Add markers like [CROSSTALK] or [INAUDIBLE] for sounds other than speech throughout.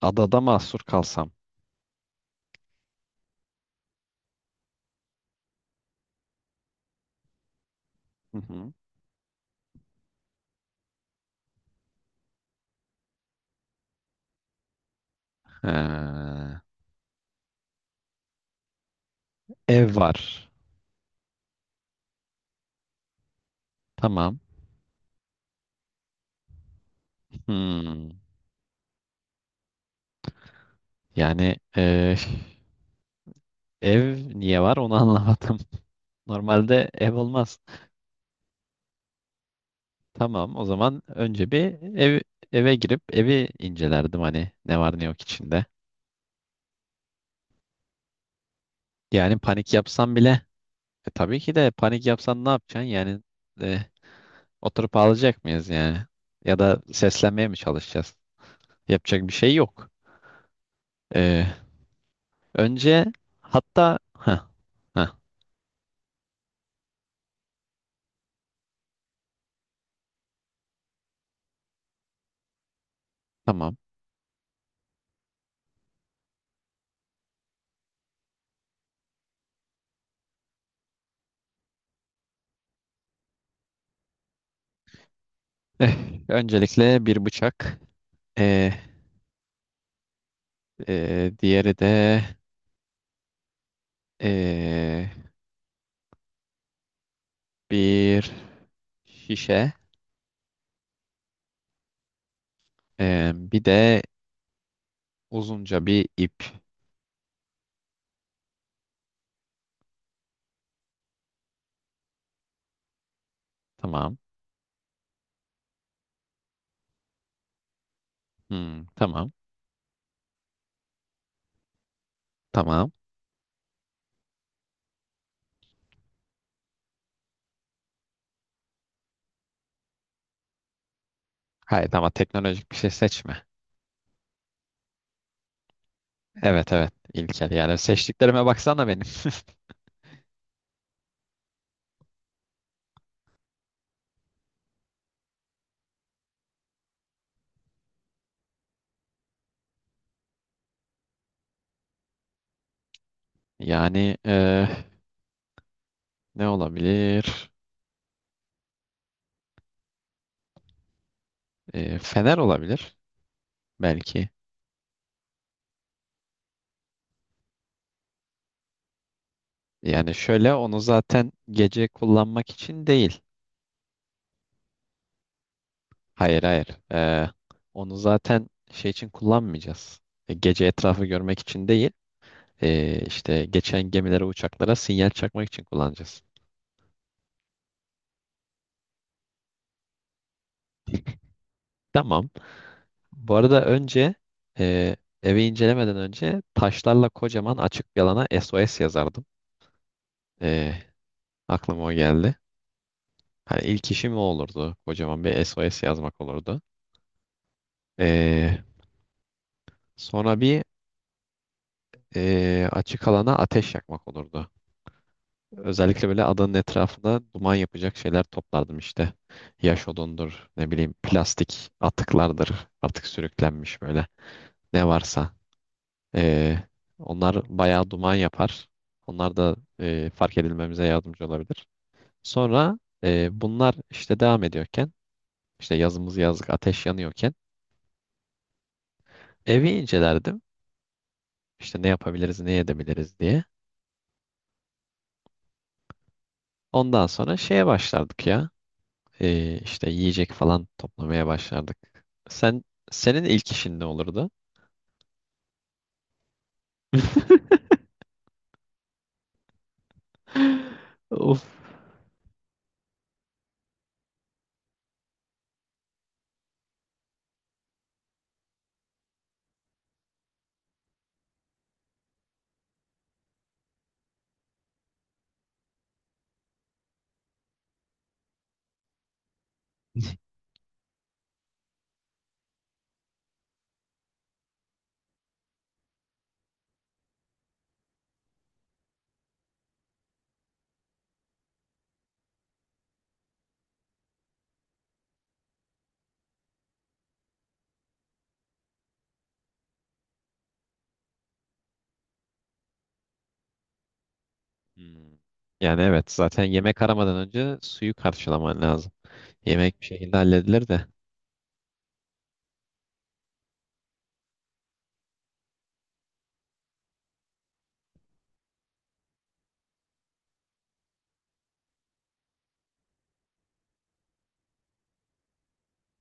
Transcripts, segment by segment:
Adada mahsur kalsam. Hı hı. Ha, ev var. Tamam. Hmm. Yani e, Ev niye var onu anlamadım. [LAUGHS] Normalde ev olmaz. Tamam, o zaman önce bir ev eve girip evi incelerdim, hani ne var ne yok içinde. Yani panik yapsam bile tabii ki de panik yapsan ne yapacaksın? E, Oturup ağlayacak mıyız yani? Ya da seslenmeye mi çalışacağız? Yapacak bir şey yok. E, Önce hatta ha ha tamam. [LAUGHS] Eh, Öncelikle bir bıçak, eh, diğeri de eh, bir şişe, bir de uzunca bir ip. Tamam. Hmm, tamam. Tamam. Hayır, ama teknolojik bir şey seçme. Evet, evet İlker, yani seçtiklerime baksana benim. [LAUGHS] Yani eh, ne olabilir? Fener olabilir belki. Yani şöyle, onu zaten gece kullanmak için değil. Hayır, hayır. Onu zaten şey için kullanmayacağız. E, gece etrafı görmek için değil. İşte geçen gemilere, uçaklara sinyal çakmak için kullanacağız. [LAUGHS] Tamam. Bu arada önce, e, evi incelemeden önce, taşlarla kocaman açık bir alana SOS yazardım. E, aklıma o geldi. Hani ilk işim o olurdu. Kocaman bir SOS yazmak olurdu. E, Sonra açık alana ateş yakmak olurdu. Özellikle böyle adanın etrafına duman yapacak şeyler toplardım işte. Yaş odundur, ne bileyim plastik atıklardır artık, sürüklenmiş böyle. Ne varsa. E, Onlar bayağı duman yapar. Onlar da e, fark edilmemize yardımcı olabilir. Sonra bunlar işte devam ediyorken, işte yazımız yazlık ateş yanıyorken evi incelerdim. İşte ne yapabiliriz, ne edebiliriz diye. Ondan sonra şeye başlardık ya. İşte yiyecek falan toplamaya başlardık. Sen Senin ilk işin ne olurdu? [GASPS] Of. [LAUGHS] Hmm. Yani evet, zaten yemek aramadan önce suyu karşılaman lazım. Yemek bir şekilde halledilir de.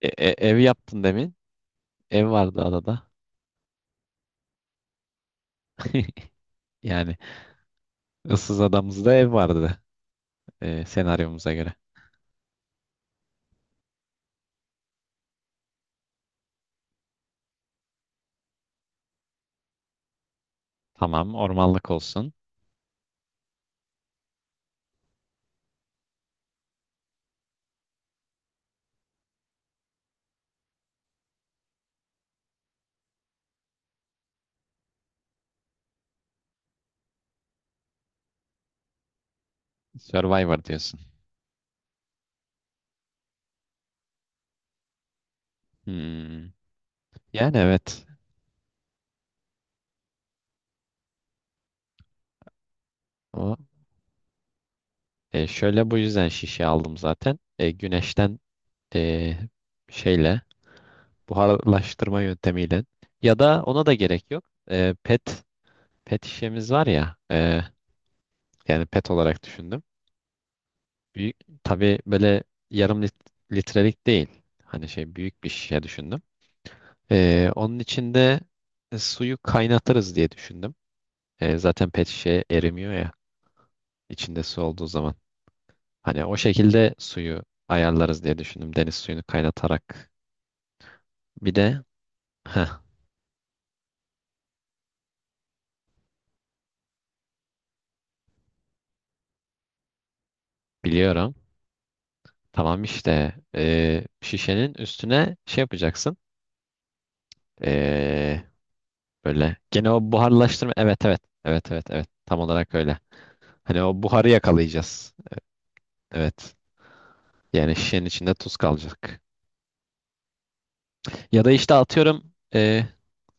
Ev yaptın demin. Ev vardı adada. [LAUGHS] Yani, ıssız adamızda ev vardı e, senaryomuza göre. Tamam, ormanlık olsun. Survivor diyorsun. Hmm. Yani evet. O Şöyle, bu yüzden şişe aldım zaten. E, güneşten e, şeyle buharlaştırma yöntemiyle, ya da ona da gerek yok. E, pet pet şişemiz var ya, yani pet olarak düşündüm. Büyük, tabii böyle yarım litrelik değil. Hani şey, büyük bir şişe düşündüm. E, onun içinde suyu kaynatırız diye düşündüm. E, zaten pet şişe erimiyor ya, içinde su olduğu zaman. Hani o şekilde suyu ayarlarız diye düşündüm. Deniz suyunu kaynatarak. Bir de heh, biliyorum. Tamam, işte şişenin üstüne şey yapacaksın. E, böyle gene o buharlaştırma. Evet, evet. Evet, evet, evet. Tam olarak öyle. Hani o buharı yakalayacağız. Evet. Yani şişenin içinde tuz kalacak. Ya da işte atıyorum,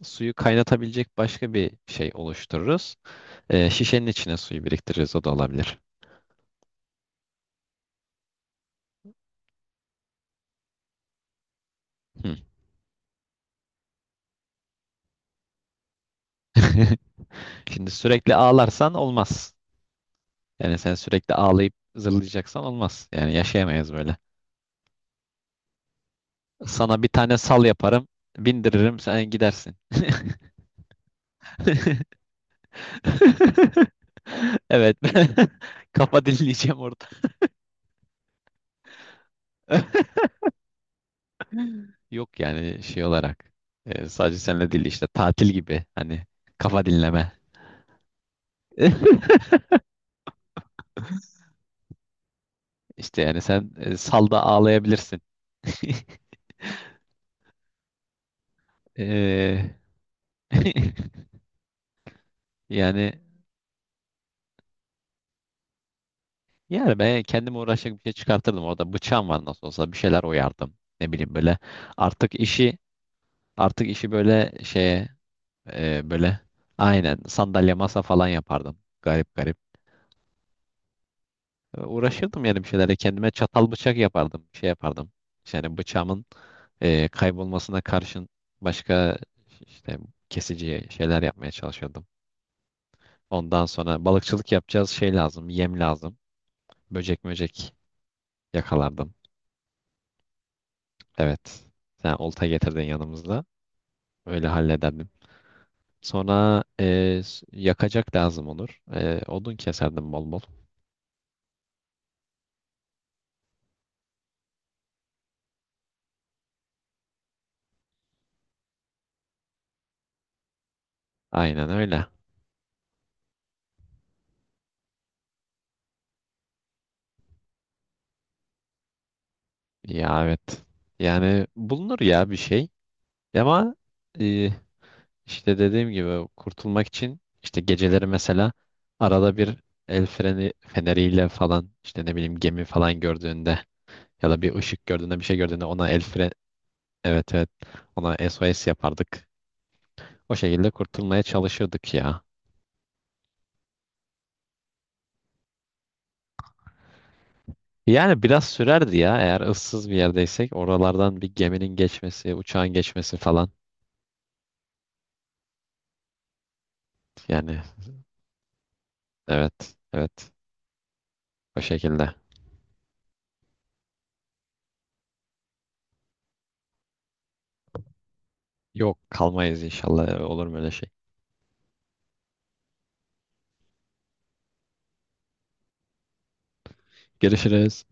suyu kaynatabilecek başka bir şey oluştururuz. E, şişenin içine suyu biriktiririz. O da olabilir. Hı. [LAUGHS] Şimdi sürekli ağlarsan olmaz. Yani sen sürekli ağlayıp zırlayacaksan olmaz. Yani yaşayamayız böyle. Sana bir tane sal yaparım, bindiririm, sen gidersin. [LAUGHS] Evet. [LAUGHS] Kafa dinleyeceğim orada. [LAUGHS] Yok, yani şey olarak, sadece seninle değil, işte tatil gibi. Hani kafa dinleme. [LAUGHS] İşte yani sen e, salda ağlayabilirsin. [LAUGHS] Ee, [LAUGHS] yani yani ben kendime uğraşacak bir şey çıkartırdım. Orada bıçağım var, nasıl olsa bir şeyler oyardım. Ne bileyim böyle, artık işi artık işi böyle şeye, böyle aynen sandalye masa falan yapardım. Garip garip. E, uğraşırdım yani bir şeylerle, kendime çatal bıçak yapardım. Bir şey yapardım. Yani bıçağımın kaybolmasına karşın başka işte kesici şeyler yapmaya çalışırdım. Ondan sonra balıkçılık yapacağız, şey lazım, yem lazım. Böcek möcek yakalardım. Evet. Sen olta getirdin yanımızda. Öyle hallederdim. Sonra yakacak lazım olur. E, odun keserdim bol bol. Aynen öyle. Ya evet. Yani bulunur ya bir şey. Ama e, işte dediğim gibi, kurtulmak için işte geceleri mesela arada bir el freni feneriyle falan, işte ne bileyim, gemi falan gördüğünde ya da bir ışık gördüğünde, bir şey gördüğünde ona el fren evet, evet, ona SOS yapardık. O şekilde kurtulmaya çalışırdık ya. Yani biraz sürerdi ya, eğer ıssız bir yerdeysek, oralardan bir geminin geçmesi, uçağın geçmesi falan. Yani evet, evet, o şekilde. Yok, kalmayız inşallah, olur mu öyle şey. Görüşürüz.